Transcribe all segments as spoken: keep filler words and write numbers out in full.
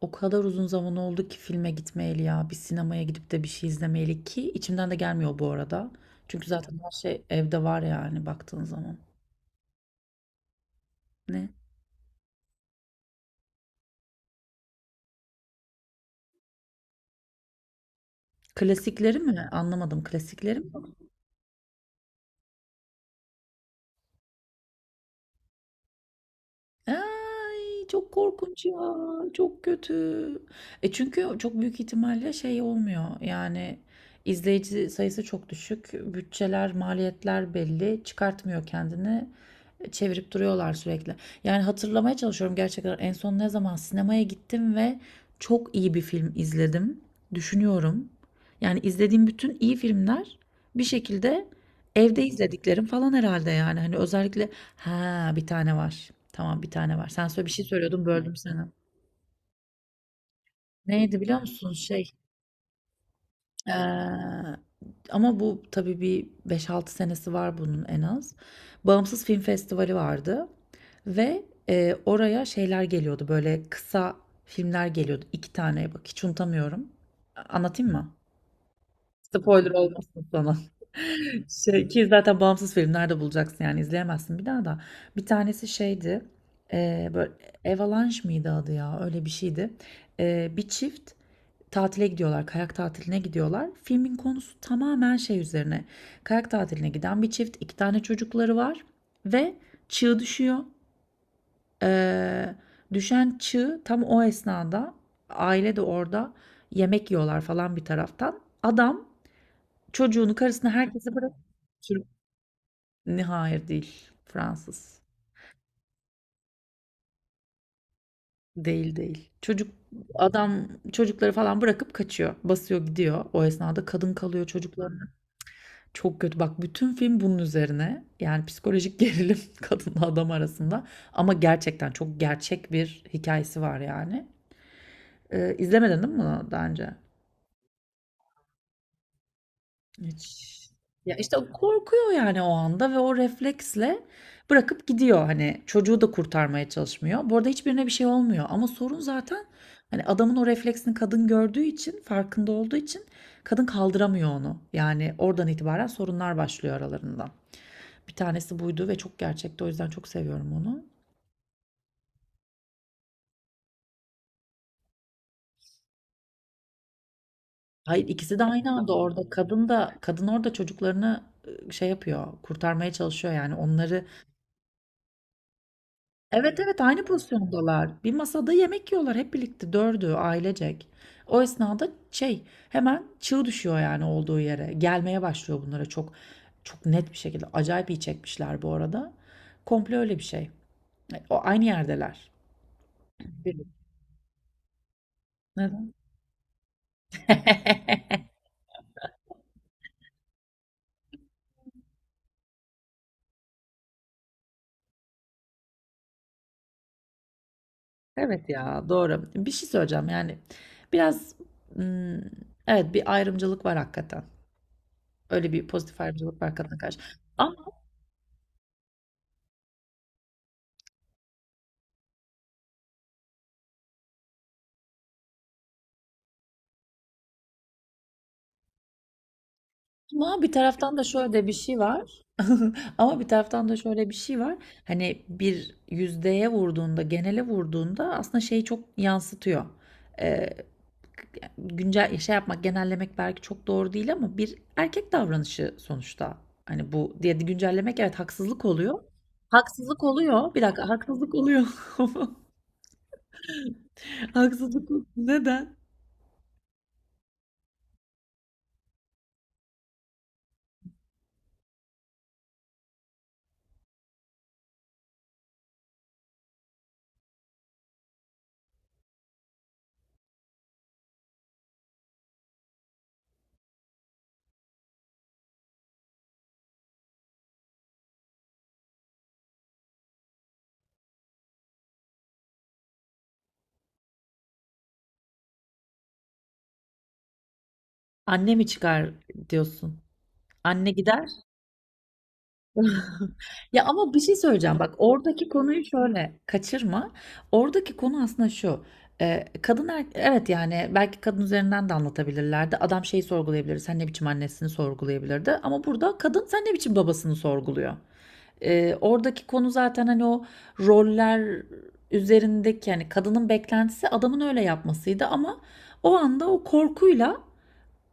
O kadar uzun zaman oldu ki filme gitmeyeli ya. Bir sinemaya gidip de bir şey izlemeyeli ki içimden de gelmiyor bu arada. Çünkü zaten her şey evde var yani baktığın zaman. Ne? Klasikleri mi? Anlamadım. Klasikleri mi? Ay çok korkunç ya. Çok kötü. E çünkü çok büyük ihtimalle şey olmuyor. Yani izleyici sayısı çok düşük. Bütçeler, maliyetler belli. Çıkartmıyor kendini. Çevirip duruyorlar sürekli. Yani hatırlamaya çalışıyorum gerçekten en son ne zaman sinemaya gittim ve çok iyi bir film izledim. Düşünüyorum. Yani izlediğim bütün iyi filmler bir şekilde evde izlediklerim falan herhalde yani. Hani özellikle ha, bir tane var. Tamam, bir tane var. Sen söyle, bir şey söylüyordun, böldüm seni. Neydi biliyor musun? Şey Ee, ama bu tabii bir beş altı senesi var bunun en az. Bağımsız Film Festivali vardı ve e, oraya şeyler geliyordu, böyle kısa filmler geliyordu. İki tane, bak, hiç unutamıyorum. Anlatayım mı? Spoiler olmasın sana. Şey, ki zaten bağımsız filmlerde bulacaksın, yani izleyemezsin bir daha da. Bir tanesi şeydi, e, böyle Avalanche mıydı adı, ya öyle bir şeydi. E, bir çift tatile gidiyorlar, kayak tatiline gidiyorlar. Filmin konusu tamamen şey üzerine: kayak tatiline giden bir çift, iki tane çocukları var ve çığ düşüyor. E, düşen çığ tam o esnada, aile de orada yemek yiyorlar falan bir taraftan. Adam çocuğunu, karısını, herkesi bırak. Türk ne, hayır değil. Fransız. Değil değil. Çocuk adam çocukları falan bırakıp kaçıyor. Basıyor gidiyor. O esnada kadın kalıyor çocuklarına. Çok kötü. Bak, bütün film bunun üzerine. Yani psikolojik gerilim kadınla adam arasında. Ama gerçekten çok gerçek bir hikayesi var yani. Ee, izlemedin değil mi bunu daha önce? Hiç. Ya işte o korkuyor yani o anda, ve o refleksle bırakıp gidiyor, hani çocuğu da kurtarmaya çalışmıyor. Bu arada hiçbirine bir şey olmuyor, ama sorun zaten hani adamın o refleksini kadın gördüğü için, farkında olduğu için kadın kaldıramıyor onu. Yani oradan itibaren sorunlar başlıyor aralarında. Bir tanesi buydu ve çok gerçekti, o yüzden çok seviyorum onu. Hayır, ikisi de aynı anda orada, kadın da kadın orada çocuklarını, e, şey yapıyor, kurtarmaya çalışıyor yani onları. Evet, evet, aynı pozisyondalar. Bir masada yemek yiyorlar hep birlikte, dördü ailecek. O esnada şey, hemen çığ düşüyor yani olduğu yere. Gelmeye başlıyor bunlara çok çok net bir şekilde. Acayip iyi çekmişler bu arada. Komple öyle bir şey. E, o aynı yerdeler. Birlikte. Neden? Evet, ya doğru. Bir şey söyleyeceğim yani, biraz mm, evet, bir ayrımcılık var hakikaten. Öyle bir pozitif ayrımcılık var kadına karşı. Ama bir taraftan da şöyle bir şey var. Ama bir taraftan da şöyle bir şey var. Hani bir yüzdeye vurduğunda, genele vurduğunda aslında şeyi çok yansıtıyor. Ee, Güncel şey yapmak, genellemek belki çok doğru değil, ama bir erkek davranışı sonuçta. Hani bu diye güncellemek, evet, haksızlık oluyor. Haksızlık oluyor. Bir dakika, haksızlık oluyor. Haksızlık neden? Anne mi çıkar diyorsun? Anne gider. Ya ama bir şey söyleyeceğim. Bak, oradaki konuyu şöyle kaçırma. Oradaki konu aslında şu: Ee, kadın er- evet, yani belki kadın üzerinden de anlatabilirlerdi. Adam şeyi sorgulayabilir. Sen ne biçim annesini sorgulayabilirdi. Ama burada kadın, sen ne biçim babasını sorguluyor. Ee, oradaki konu zaten hani o roller üzerindeki, yani kadının beklentisi adamın öyle yapmasıydı, ama o anda o korkuyla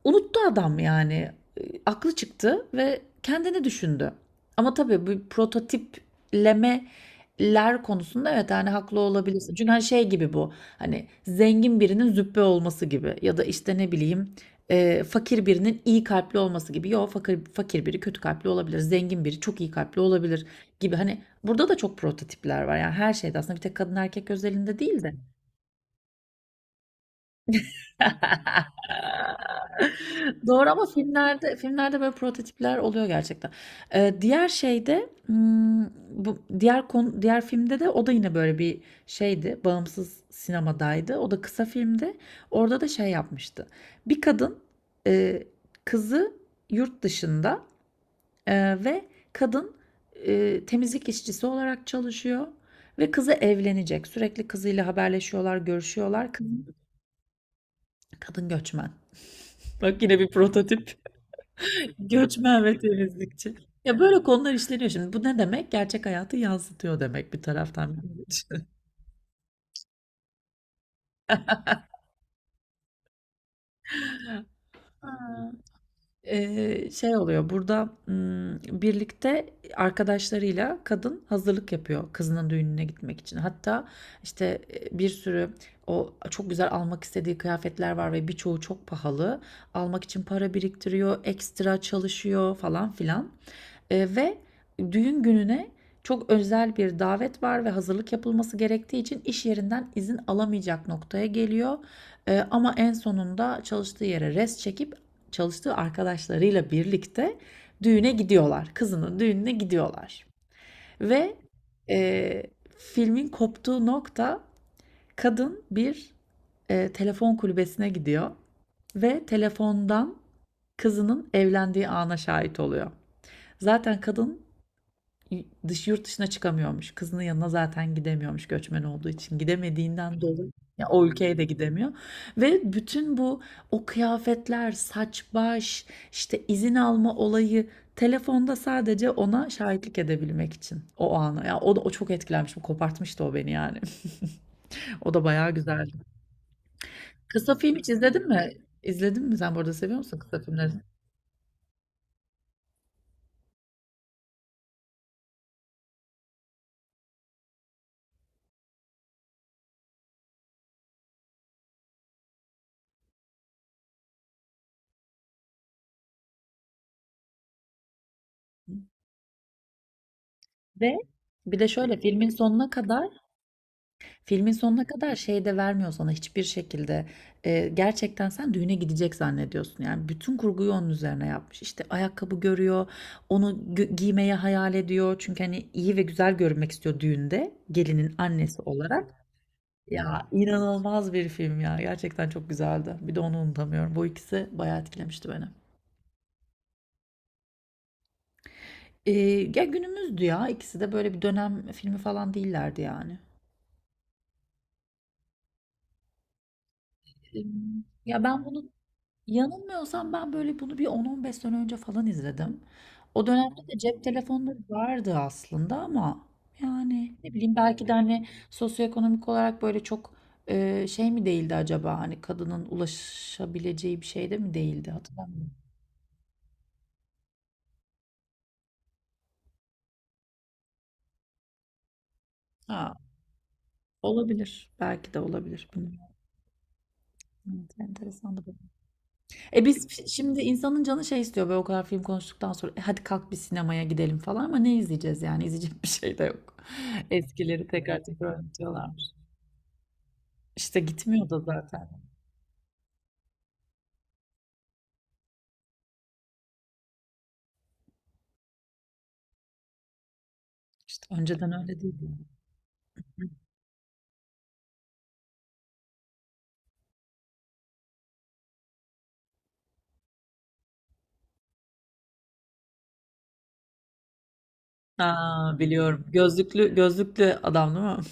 unuttu adam yani. E, aklı çıktı ve kendini düşündü. Ama tabii bu prototiplemeler konusunda, evet, yani haklı olabilirsin. Çünkü hani şey gibi bu, hani zengin birinin züppe olması gibi, ya da işte ne bileyim, e, fakir birinin iyi kalpli olması gibi. Yok, fakir, fakir biri kötü kalpli olabilir, zengin biri çok iyi kalpli olabilir gibi. Hani burada da çok prototipler var yani, her şeyde aslında, bir tek kadın erkek özelinde değil de. Doğru, ama filmlerde, filmlerde böyle prototipler oluyor gerçekten. Eee, diğer şeyde, ımm, bu diğer konu, diğer filmde de, o da yine böyle bir şeydi, bağımsız sinemadaydı. O da kısa filmdi. Orada da şey yapmıştı. Bir kadın, eee, kızı yurt dışında, eee, ve kadın, eee, temizlik işçisi olarak çalışıyor ve kızı evlenecek. Sürekli kızıyla haberleşiyorlar, görüşüyorlar. Kız kadın göçmen. Bak, yine bir prototip. Göçmen ve temizlikçi. Ya böyle konular işleniyor şimdi. Bu ne demek? Gerçek hayatı yansıtıyor demek bir taraftan. İşte, ha. Ee, şey oluyor burada, hmm, birlikte arkadaşlarıyla kadın hazırlık yapıyor kızının düğününe gitmek için. Hatta işte, e, bir sürü o çok güzel almak istediği kıyafetler var ve birçoğu çok pahalı. Almak için para biriktiriyor, ekstra çalışıyor falan filan. Eee, ve düğün gününe çok özel bir davet var ve hazırlık yapılması gerektiği için iş yerinden izin alamayacak noktaya geliyor. Eee, ama en sonunda çalıştığı yere res çekip, çalıştığı arkadaşlarıyla birlikte düğüne gidiyorlar. Kızının düğününe gidiyorlar. Ve eee, filmin koptuğu nokta: kadın bir eee, telefon kulübesine gidiyor ve telefondan kızının evlendiği ana şahit oluyor. Zaten kadın dış yurt dışına çıkamıyormuş. Kızının yanına zaten gidemiyormuş, göçmen olduğu için. Gidemediğinden dolayı ya o ülkeye de gidemiyor. Ve bütün bu, o kıyafetler, saç baş, işte izin alma olayı, telefonda sadece ona şahitlik edebilmek için o ana. Ya o da o çok etkilenmiş. Bu kopartmıştı o beni yani. O da bayağı güzeldi. Kısa film hiç izledin mi? İzledin mi? Sen bu arada seviyor musun kısa filmleri? Ve bir de şöyle, filmin sonuna kadar Filmin sonuna kadar şey de vermiyor sana hiçbir şekilde. Ee, gerçekten sen düğüne gidecek zannediyorsun. Yani bütün kurguyu onun üzerine yapmış. İşte ayakkabı görüyor, onu gö- giymeyi hayal ediyor. Çünkü hani iyi ve güzel görünmek istiyor düğünde gelinin annesi olarak. Ya inanılmaz bir film ya. Gerçekten çok güzeldi. Bir de onu unutamıyorum. Bu ikisi bayağı etkilemişti beni. Ee, Ya günümüzdü ya. İkisi de böyle bir dönem filmi falan değillerdi yani. Film- Ya ben bunu Yanılmıyorsam ben böyle bunu bir on on beş sene önce falan izledim. O dönemde de cep telefonları vardı aslında ama, yani ne bileyim, belki de hani sosyoekonomik olarak böyle çok e, şey mi değildi acaba? Hani kadının ulaşabileceği bir şey de mi değildi? Hatırlamıyorum. Ha, olabilir. Belki de olabilir. Bilmiyorum. Evet, enteresandı. E biz şimdi, insanın canı şey istiyor böyle o kadar film konuştuktan sonra, "E hadi kalk bir sinemaya gidelim" falan, ama ne izleyeceğiz, yani izleyecek bir şey de yok. Eskileri tekrar tekrar oynatıyorlarmış. İşte gitmiyor da zaten. İşte önceden öyle değildi. Aa, biliyorum. Gözlüklü gözlüklü adam değil mi?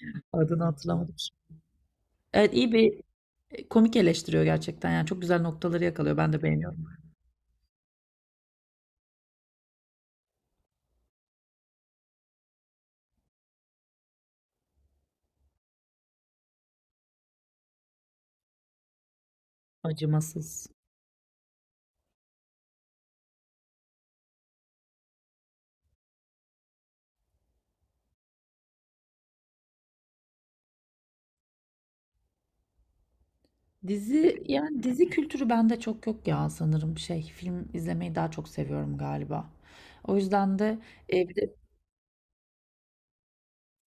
Adını hatırlamadım şimdi. Evet, iyi bir, e, komik eleştiriyor gerçekten, yani çok güzel noktaları yakalıyor. Ben de beğeniyorum. Acımasız. Dizi, yani dizi kültürü bende çok yok ya, sanırım şey, film izlemeyi daha çok seviyorum galiba. O yüzden de, e, bir de-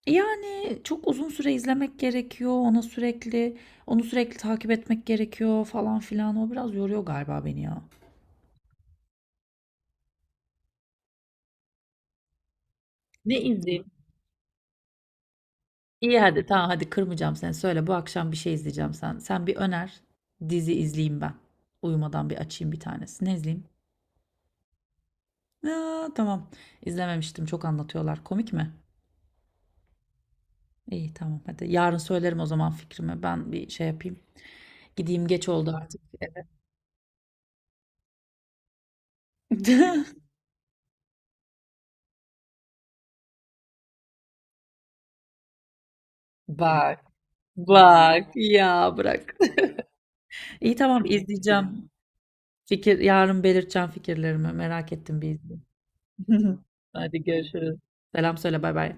yani çok uzun süre izlemek gerekiyor, ona sürekli onu sürekli takip etmek gerekiyor falan filan, o biraz yoruyor galiba beni ya. Ne izleyeyim? İyi, hadi tamam, hadi kırmayacağım seni, söyle, bu akşam bir şey izleyeceğim sen. Sen bir öner, dizi izleyeyim ben. Uyumadan bir açayım bir tanesi. Ne izleyeyim? Aa, tamam, izlememiştim, çok anlatıyorlar, komik mi? İyi, tamam hadi. Yarın söylerim o zaman fikrimi. Ben bir şey yapayım. Gideyim, geç oldu artık. Evet. Bak. Bak ya, bırak. İyi tamam, izleyeceğim. Fikir yarın belirteceğim fikirlerimi. Merak ettim, bir izleyeyim. Hadi görüşürüz. Selam söyle, bay bay.